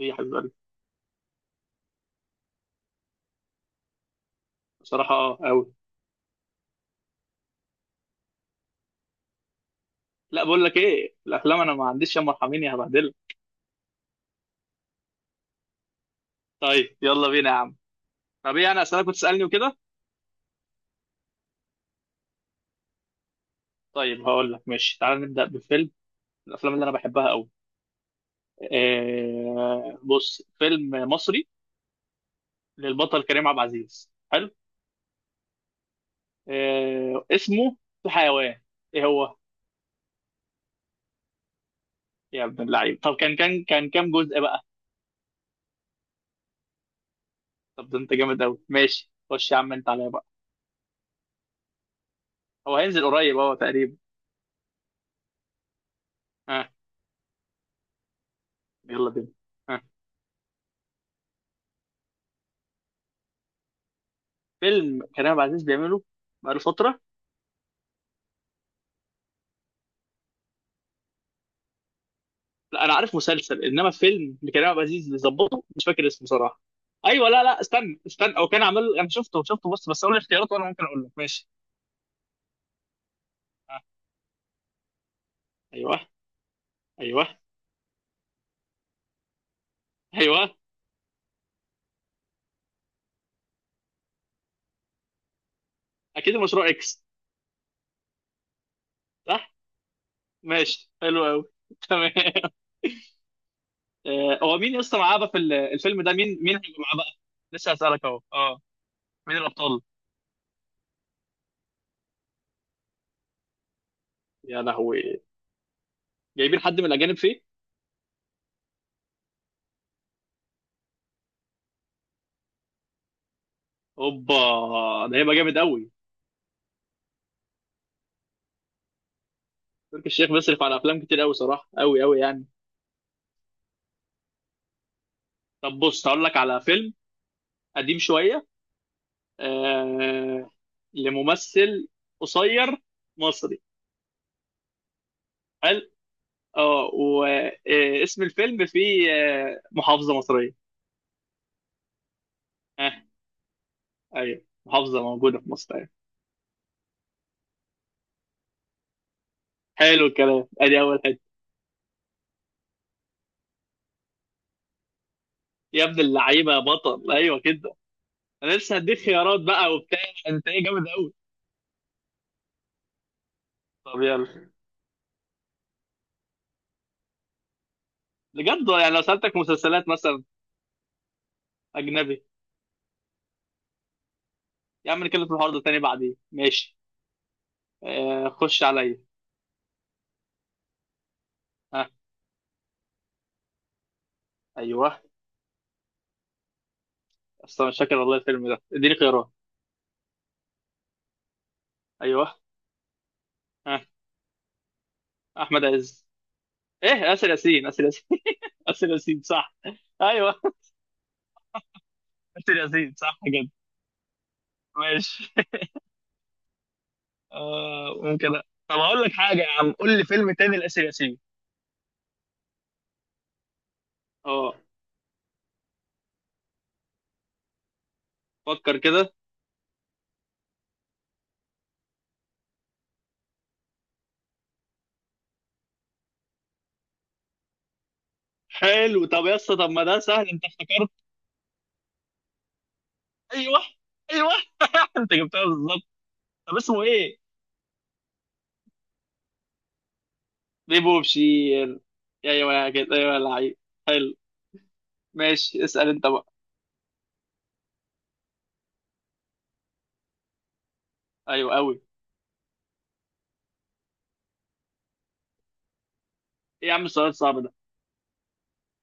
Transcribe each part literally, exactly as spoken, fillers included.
ايه يا حبيب قلبي؟ بصراحة اه أوي. لا، بقول لك ايه، الأفلام أنا ما عنديش، يا مرحمين يا هبهدلك. طيب يلا بينا يا عم. طب ايه، أنا أسألك وتسألني وكده؟ طيب هقول لك، ماشي، تعال نبدأ بفيلم من الأفلام اللي أنا بحبها أوي. آه بص، فيلم مصري للبطل كريم عبد العزيز، حلو. آه، اسمه، في حيوان، ايه هو؟ يا ابن اللعيب، طب كان كان كان كام جزء بقى؟ طب ده أنت جامد أوي، ماشي، خش يا عم أنت عليا بقى. هو هينزل قريب اهو تقريبا. ها، آه، يلا بينا. ها، فيلم كريم عبد العزيز بيعمله بقاله فتره. لا، انا عارف مسلسل، انما فيلم لكريم عبد العزيز بيظبطه مش فاكر اسمه صراحه. ايوه، لا لا، استنى استنى، هو كان عامل، انا شفته شفته بص، بس قول لي اختيارات وانا ممكن اقول لك ماشي. آه. ايوه، ايوه، ايوه، اكيد المشروع اكس، صح. ماشي، حلو قوي، تمام. آه، هو مين اصلا معاه بقى في ال- الفيلم ده، مين مين هيبقى معاه بقى؟ لسه هسألك اهو، اه، مين الابطال؟ يا لهوي، جايبين حد من الاجانب فيه؟ اوبا، ده هيبقى جامد قوي. تركي الشيخ بيصرف على افلام كتير قوي صراحه، قوي قوي يعني. طب بص، هقول لك على فيلم قديم شويه، آه، لممثل قصير مصري، قال. اه، واسم الفيلم فيه آه، محافظه مصريه. اه، ايوه، محافظه موجوده في مصر، ايوه. حلو الكلام، ادي اول حته. يا ابن اللعيبه يا بطل، ايوه كده. انا لسه هديك خيارات بقى وبتاع، انت ايه جامد قوي. طب يلا، بجد يعني، لو سالتك مسلسلات مثلا اجنبي. يا عم نتكلم في الحوار ده تاني بعدين، ماشي. آه، خش عليا. ها، ايوه، اصلا مش فاكر والله الفيلم ده، اديني خيارات. ايوه، ها، احمد عز. ايه، اسر ياسين، اسر ياسين. اسر ياسين صح، ايوه. اسر ياسين صح كده، ماشي. آه ممكن أ- طب هقول لك حاجه يا عم، قول لي فيلم تاني لاسر ياسين. اه، فكر كده. حلو، طب يا اسطى، طب ما ده سهل، انت افتكرت. ايوه، ايوه، انت جبتها بالظبط. طب اسمه ايه؟ بيبو بشير. ايوه يا كده، ايوه يا لعيب. حلو، ماشي، اسال انت بقى. ايوه قوي. ايه يا عم السؤال الصعب ده،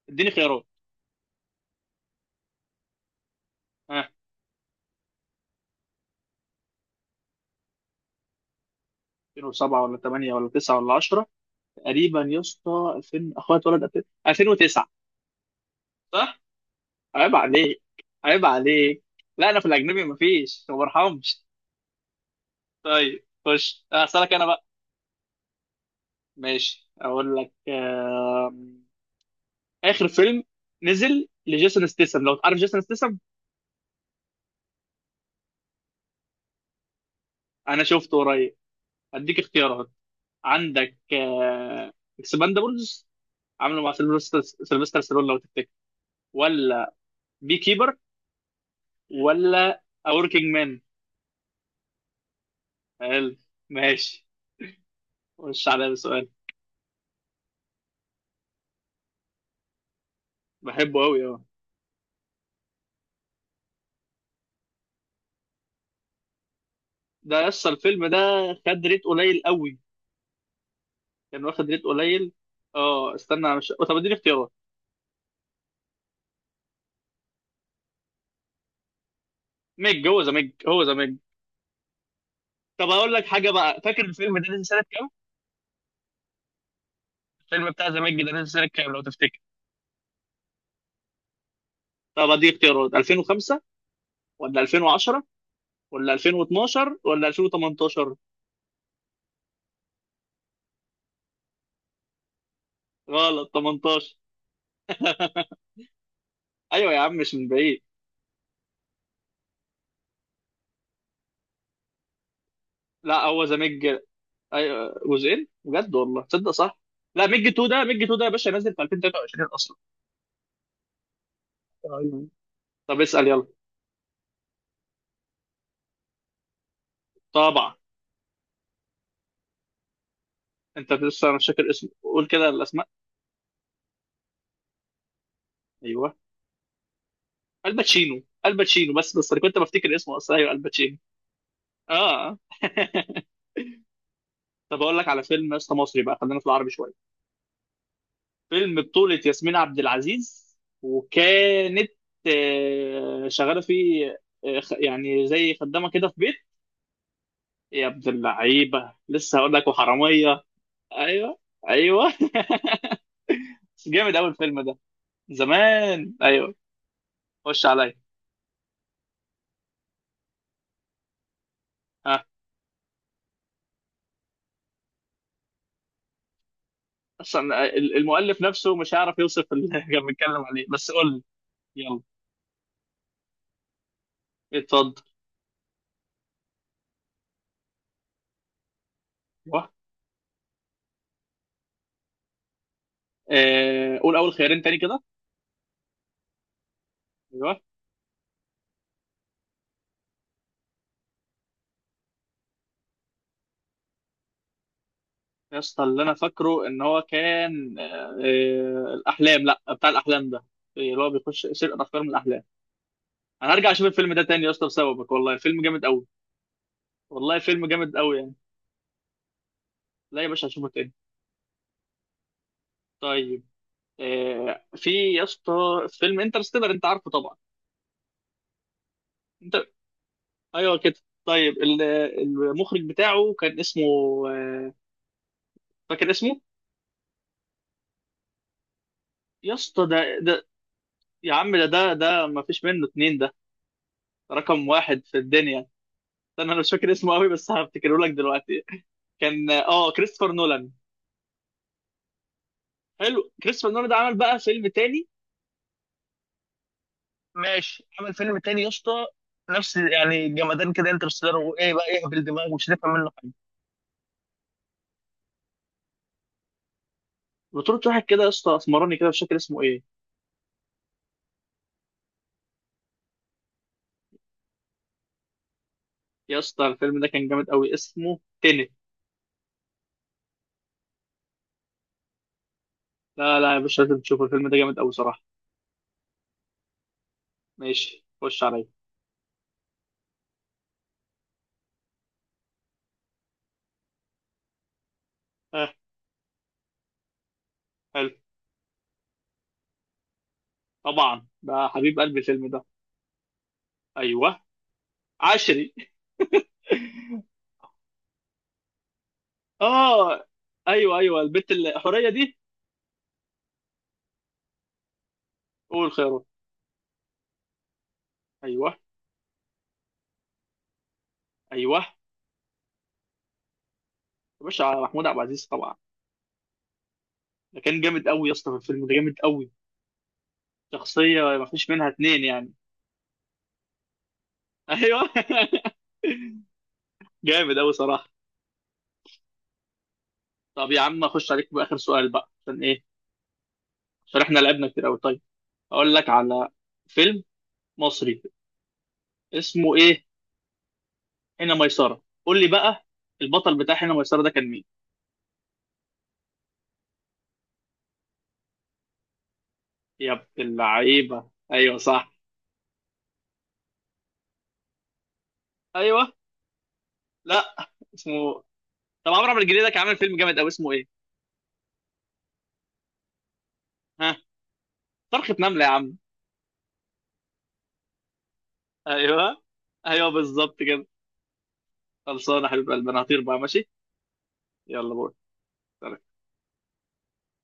اديني خيارات. ها، ألفين وسبعة ولا تمانية ولا تسعة ولا عشرة؟ تقريبا يا اسطى، ألفين، اخويا اتولد ألفين، ألفين وتسعة. صح. عيب عليك، عيب عليك، لا، انا في الاجنبي مفيش، ما برحمش. طيب خش اسالك انا بقى. ماشي. اقول لك آم، اخر فيلم نزل لجيسون ستيسم، لو تعرف جيسون ستيسم. انا شفته قريب. هديك اختيارات، عندك، آه، اكسباندابلز، عامله مع سيلفستر سيلفستر ستالون لو تفتكر، ولا بي كيبر، ولا A Working Man، قال. ماشي، خش عليا بسؤال. بحبه قوي، اه. ده يسطا الفيلم ده خد ريت قليل قوي، كان واخد ريت قليل. اه استنى، مش، طب اديني اختيارات. ميج، هو ذا ميج، هو ذا ميج. طب اقول لك حاجه بقى، فاكر الفيلم ده نزل سنه كام؟ الفيلم بتاع ذا ميج ده نزل سنه كام لو تفتكر؟ طب اديك اختيارات، ألفين وخمسة ولا ألفين وعشرة ولا ألفين واثنا عشر ولا ألفين وتمنتاشر؟ غلط، ثمانية عشر. ايوه يا عم، مش من بعيد. لا، هو ذا ميج. ايوه جزئين، بجد والله تصدق، صح. لا، ميج اتنين ده، ميج اتنين ده يا باشا نازل في ألفين وتلاتة وعشرين اصلا. ايوه. طب اسال يلا. طبعا. انت لسه، انا مش فاكر اسمه، قول كده الاسماء. ايوه، الباتشينو، الباتشينو، بس بس انا كنت بفتكر اسمه اصلا، ايوه الباتشينو. اه. طب اقول لك على فيلم يا اسطى مصري بقى، خلينا في العربي شويه. فيلم بطولة ياسمين عبد العزيز، وكانت آه، شغاله فيه، آه، خ- يعني زي خدامه كده في بيت. يا ابن اللعيبه، لسه هقول لك، وحراميه. ايوه، ايوه. بس جامد قوي الفيلم ده، زمان، ايوه. خش عليا. ها، اصلا ال- المؤلف نفسه مش هيعرف يوصف اللي احنا بنتكلم عليه، بس قول لي. يلا، اتفضل. ايوه. آه، قول اول خيارين تاني كده. ايوه. يا اسطى، اللي انا فاكره ان هو كان، آه، آه، الاحلام، لا، بتاع الاحلام ده، إيه، اللي هو بيخش سرقه افكار من الاحلام. انا هرجع اشوف الفيلم ده تاني يا اسطى بسببك، والله فيلم جامد قوي. والله فيلم جامد قوي يعني. لا يا باشا، هشوفه تاني. طيب، آه، في يا اسطى فيلم انترستيلر، انت عارفه طبعا. انت، ايوه كده. طيب ال- المخرج بتاعه كان اسمه، آه، فاكر اسمه؟ يا اسطى، ده ده، يا عم ده ده ده ما فيش منه اتنين ده، رقم واحد في الدنيا. انا مش فاكر اسمه قوي، بس هفتكره لك دلوقتي. كان، اه آه، كريستوفر نولان. حلو، كريستوفر نولان ده عمل بقى فيلم تاني، ماشي، عمل فيلم تاني يا اسطى نفس، يعني جمدان كده، انترستيلر وايه بقى، يهبل دماغ مش هتفهم منه حاجه. بطولة واحد كده يا اسطى اسمراني كده، مش فاكر اسمه ايه. يا اسطى الفيلم ده كان جامد قوي، اسمه تنت. لا لا يا باشا، لازم تشوف الفيلم ده جامد قوي صراحه. ماشي، خش عليا. اه. حلو. طبعا، ده حبيب قلبي الفيلم ده. ايوه، عشري. اه، ايوه، ايوه، البت الحوريه دي. قول خيره. ايوه. ايوه، يا باشا محمود عبد العزيز طبعا. ده كان جامد قوي يا اسطى في الفيلم ده، جامد قوي. شخصيه ما فيش منها اتنين يعني. ايوه. جامد قوي صراحه. طب يا عم اخش عليك باخر سؤال بقى، عشان ايه، عشان احنا لعبنا كتير قوي. اقول لك على فيلم مصري، اسمه ايه؟ هنا ميسرة، قول لي بقى البطل بتاع هنا ميسرة ده كان مين؟ يا ابن اللعيبة، ايوه صح. ايوه. لا، اسمه. طب عمرو عبد الجليل ده كان عامل فيلم جامد قوي، اسمه ايه؟ ها، صرخة نملة يا عم. ايوه. ايوه، بالظبط كده. خلصانه يا حبيب قلبي، انا هطير بقى، ماشي. يلا، باي.